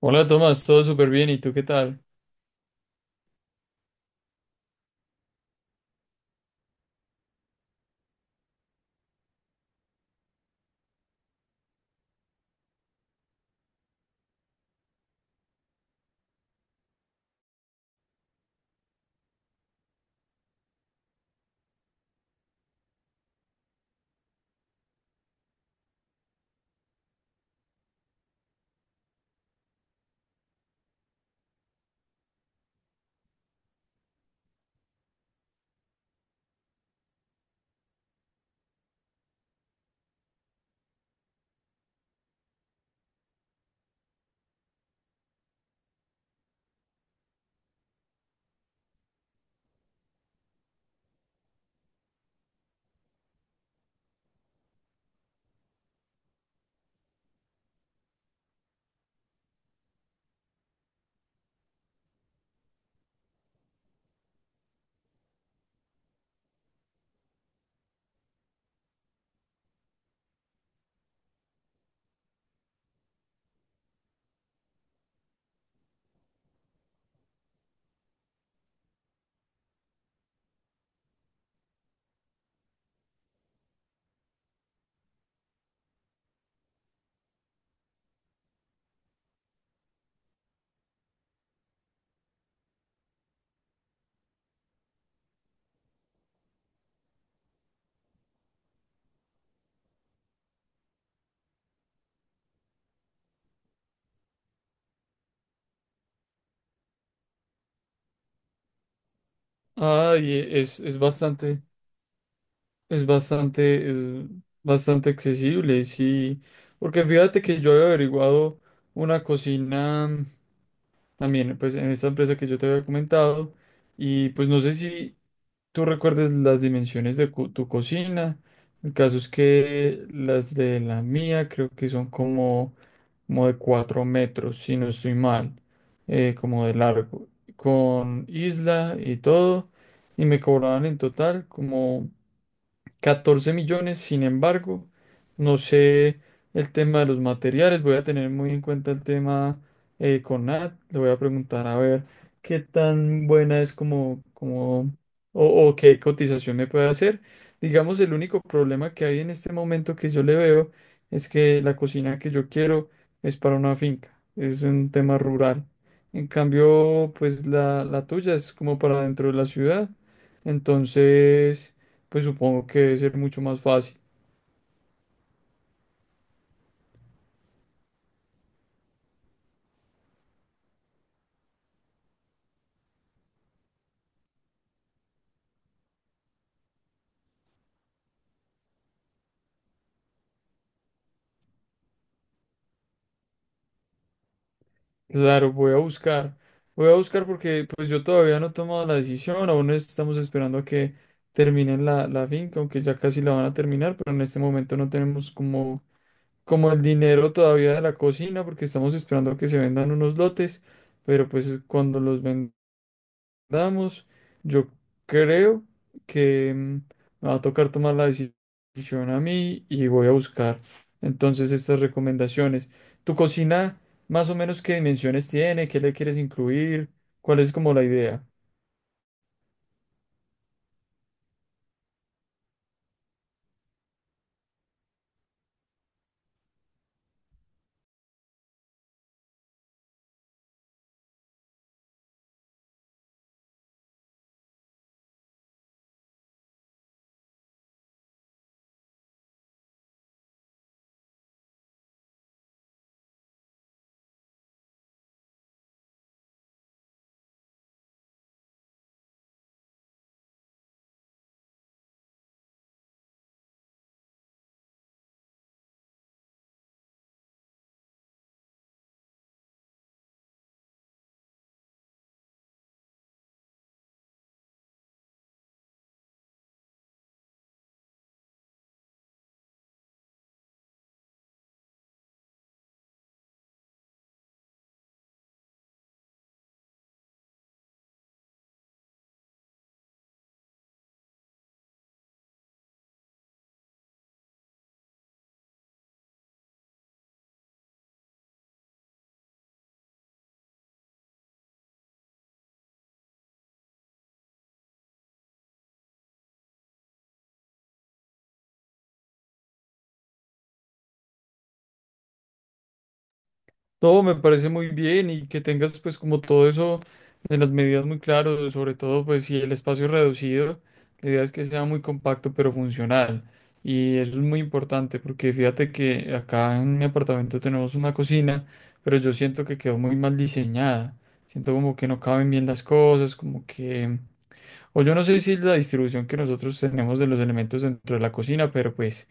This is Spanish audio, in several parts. Hola Tomás, todo súper bien, ¿y tú qué tal? Ay, es bastante, es bastante, es bastante accesible, sí, porque fíjate que yo había averiguado una cocina también, pues en esta empresa que yo te había comentado, y pues no sé si tú recuerdes las dimensiones de tu cocina. El caso es que las de la mía creo que son como como de 4 metros, si no estoy mal, como de largo, con isla y todo, y me cobraban en total como 14 millones. Sin embargo, no sé el tema de los materiales, voy a tener muy en cuenta el tema con Nat. Le voy a preguntar a ver qué tan buena es como, o qué cotización me puede hacer. Digamos, el único problema que hay en este momento que yo le veo es que la cocina que yo quiero es para una finca, es un tema rural. En cambio, pues la tuya es como para dentro de la ciudad, entonces pues supongo que debe ser mucho más fácil. Claro, voy a buscar. Voy a buscar porque pues yo todavía no he tomado la decisión, aún estamos esperando a que terminen la finca, aunque ya casi la van a terminar, pero en este momento no tenemos como, como el dinero todavía de la cocina porque estamos esperando a que se vendan unos lotes, pero pues cuando los vendan damos, yo creo que me va a tocar tomar la decisión a mí y voy a buscar entonces estas recomendaciones. ¿Tu cocina más o menos qué dimensiones tiene? ¿Qué le quieres incluir? ¿Cuál es como la idea? No, me parece muy bien y que tengas pues como todo eso de las medidas muy claro, sobre todo pues si el espacio es reducido, la idea es que sea muy compacto pero funcional. Y eso es muy importante porque fíjate que acá en mi apartamento tenemos una cocina, pero yo siento que quedó muy mal diseñada. Siento como que no caben bien las cosas, como que… O yo no sé si es la distribución que nosotros tenemos de los elementos dentro de la cocina, pero pues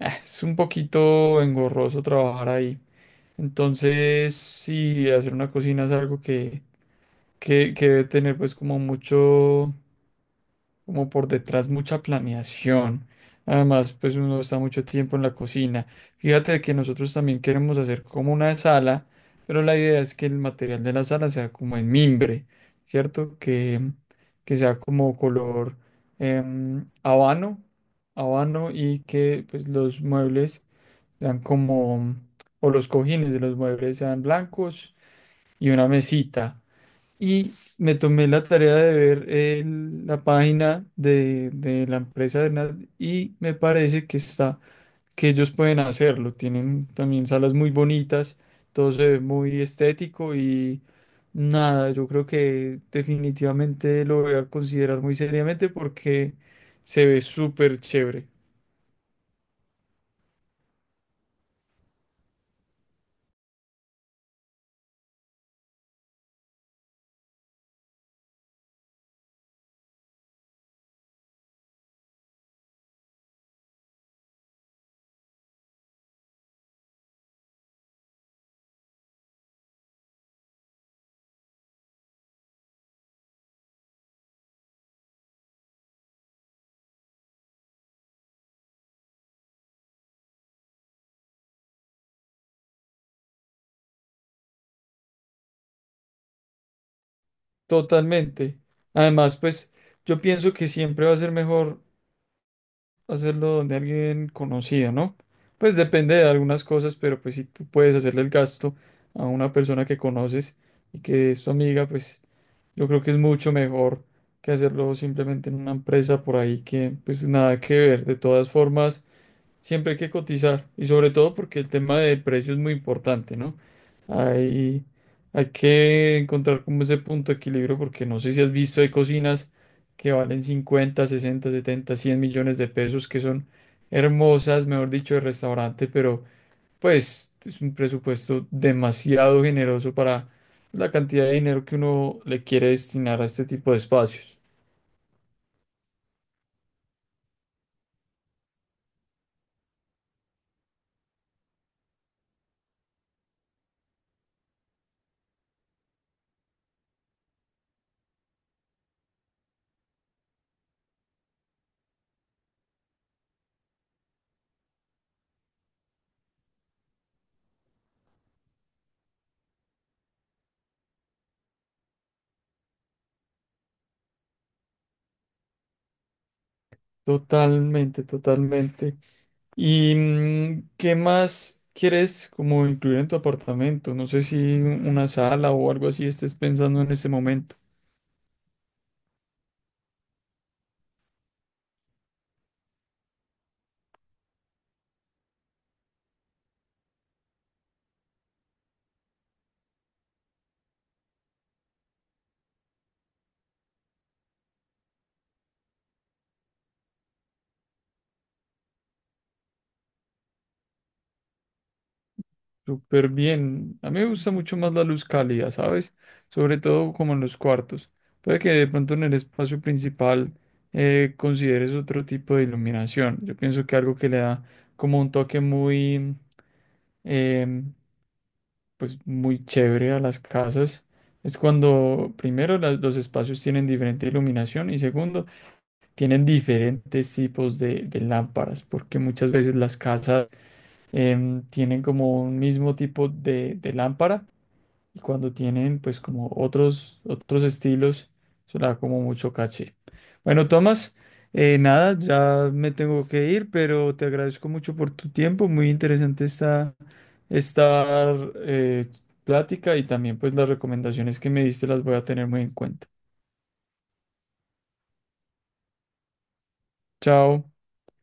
ah, es un poquito engorroso trabajar ahí. Entonces, sí, hacer una cocina es algo que debe tener pues como mucho, como por detrás mucha planeación. Además, pues uno está mucho tiempo en la cocina. Fíjate que nosotros también queremos hacer como una sala, pero la idea es que el material de la sala sea como en mimbre, ¿cierto? Que sea como color habano, habano, y que pues los muebles sean como, o los cojines de los muebles sean blancos, y una mesita. Y me tomé la tarea de ver la página de la empresa de Hernán, y me parece que está, que ellos pueden hacerlo. Tienen también salas muy bonitas, todo se ve muy estético y nada, yo creo que definitivamente lo voy a considerar muy seriamente porque se ve súper chévere. Totalmente. Además, pues yo pienso que siempre va a ser mejor hacerlo donde alguien conocido, ¿no? Pues depende de algunas cosas, pero pues si tú puedes hacerle el gasto a una persona que conoces y que es tu amiga, pues yo creo que es mucho mejor que hacerlo simplemente en una empresa por ahí que pues nada que ver. De todas formas, siempre hay que cotizar y sobre todo porque el tema de precio es muy importante, ¿no? Hay, Hay que encontrar como ese punto de equilibrio porque no sé si has visto, hay cocinas que valen 50, 60, 70, 100 millones de pesos, que son hermosas, mejor dicho, de restaurante, pero pues es un presupuesto demasiado generoso para la cantidad de dinero que uno le quiere destinar a este tipo de espacios. Totalmente, totalmente. ¿Y qué más quieres como incluir en tu apartamento? No sé si una sala o algo así estés pensando en este momento. Súper bien. A mí me gusta mucho más la luz cálida, ¿sabes? Sobre todo como en los cuartos. Puede que de pronto en el espacio principal consideres otro tipo de iluminación. Yo pienso que algo que le da como un toque muy, em, pues muy chévere a las casas es cuando primero los espacios tienen diferente iluminación, y segundo tienen diferentes tipos de lámparas, porque muchas veces las casas em, tienen como un mismo tipo de lámpara, y cuando tienen pues como otros, otros estilos, eso le da como mucho caché. Bueno, Tomás, nada, ya me tengo que ir, pero te agradezco mucho por tu tiempo. Muy interesante esta, esta eh, plática, y también pues las recomendaciones que me diste las voy a tener muy en cuenta. Chao.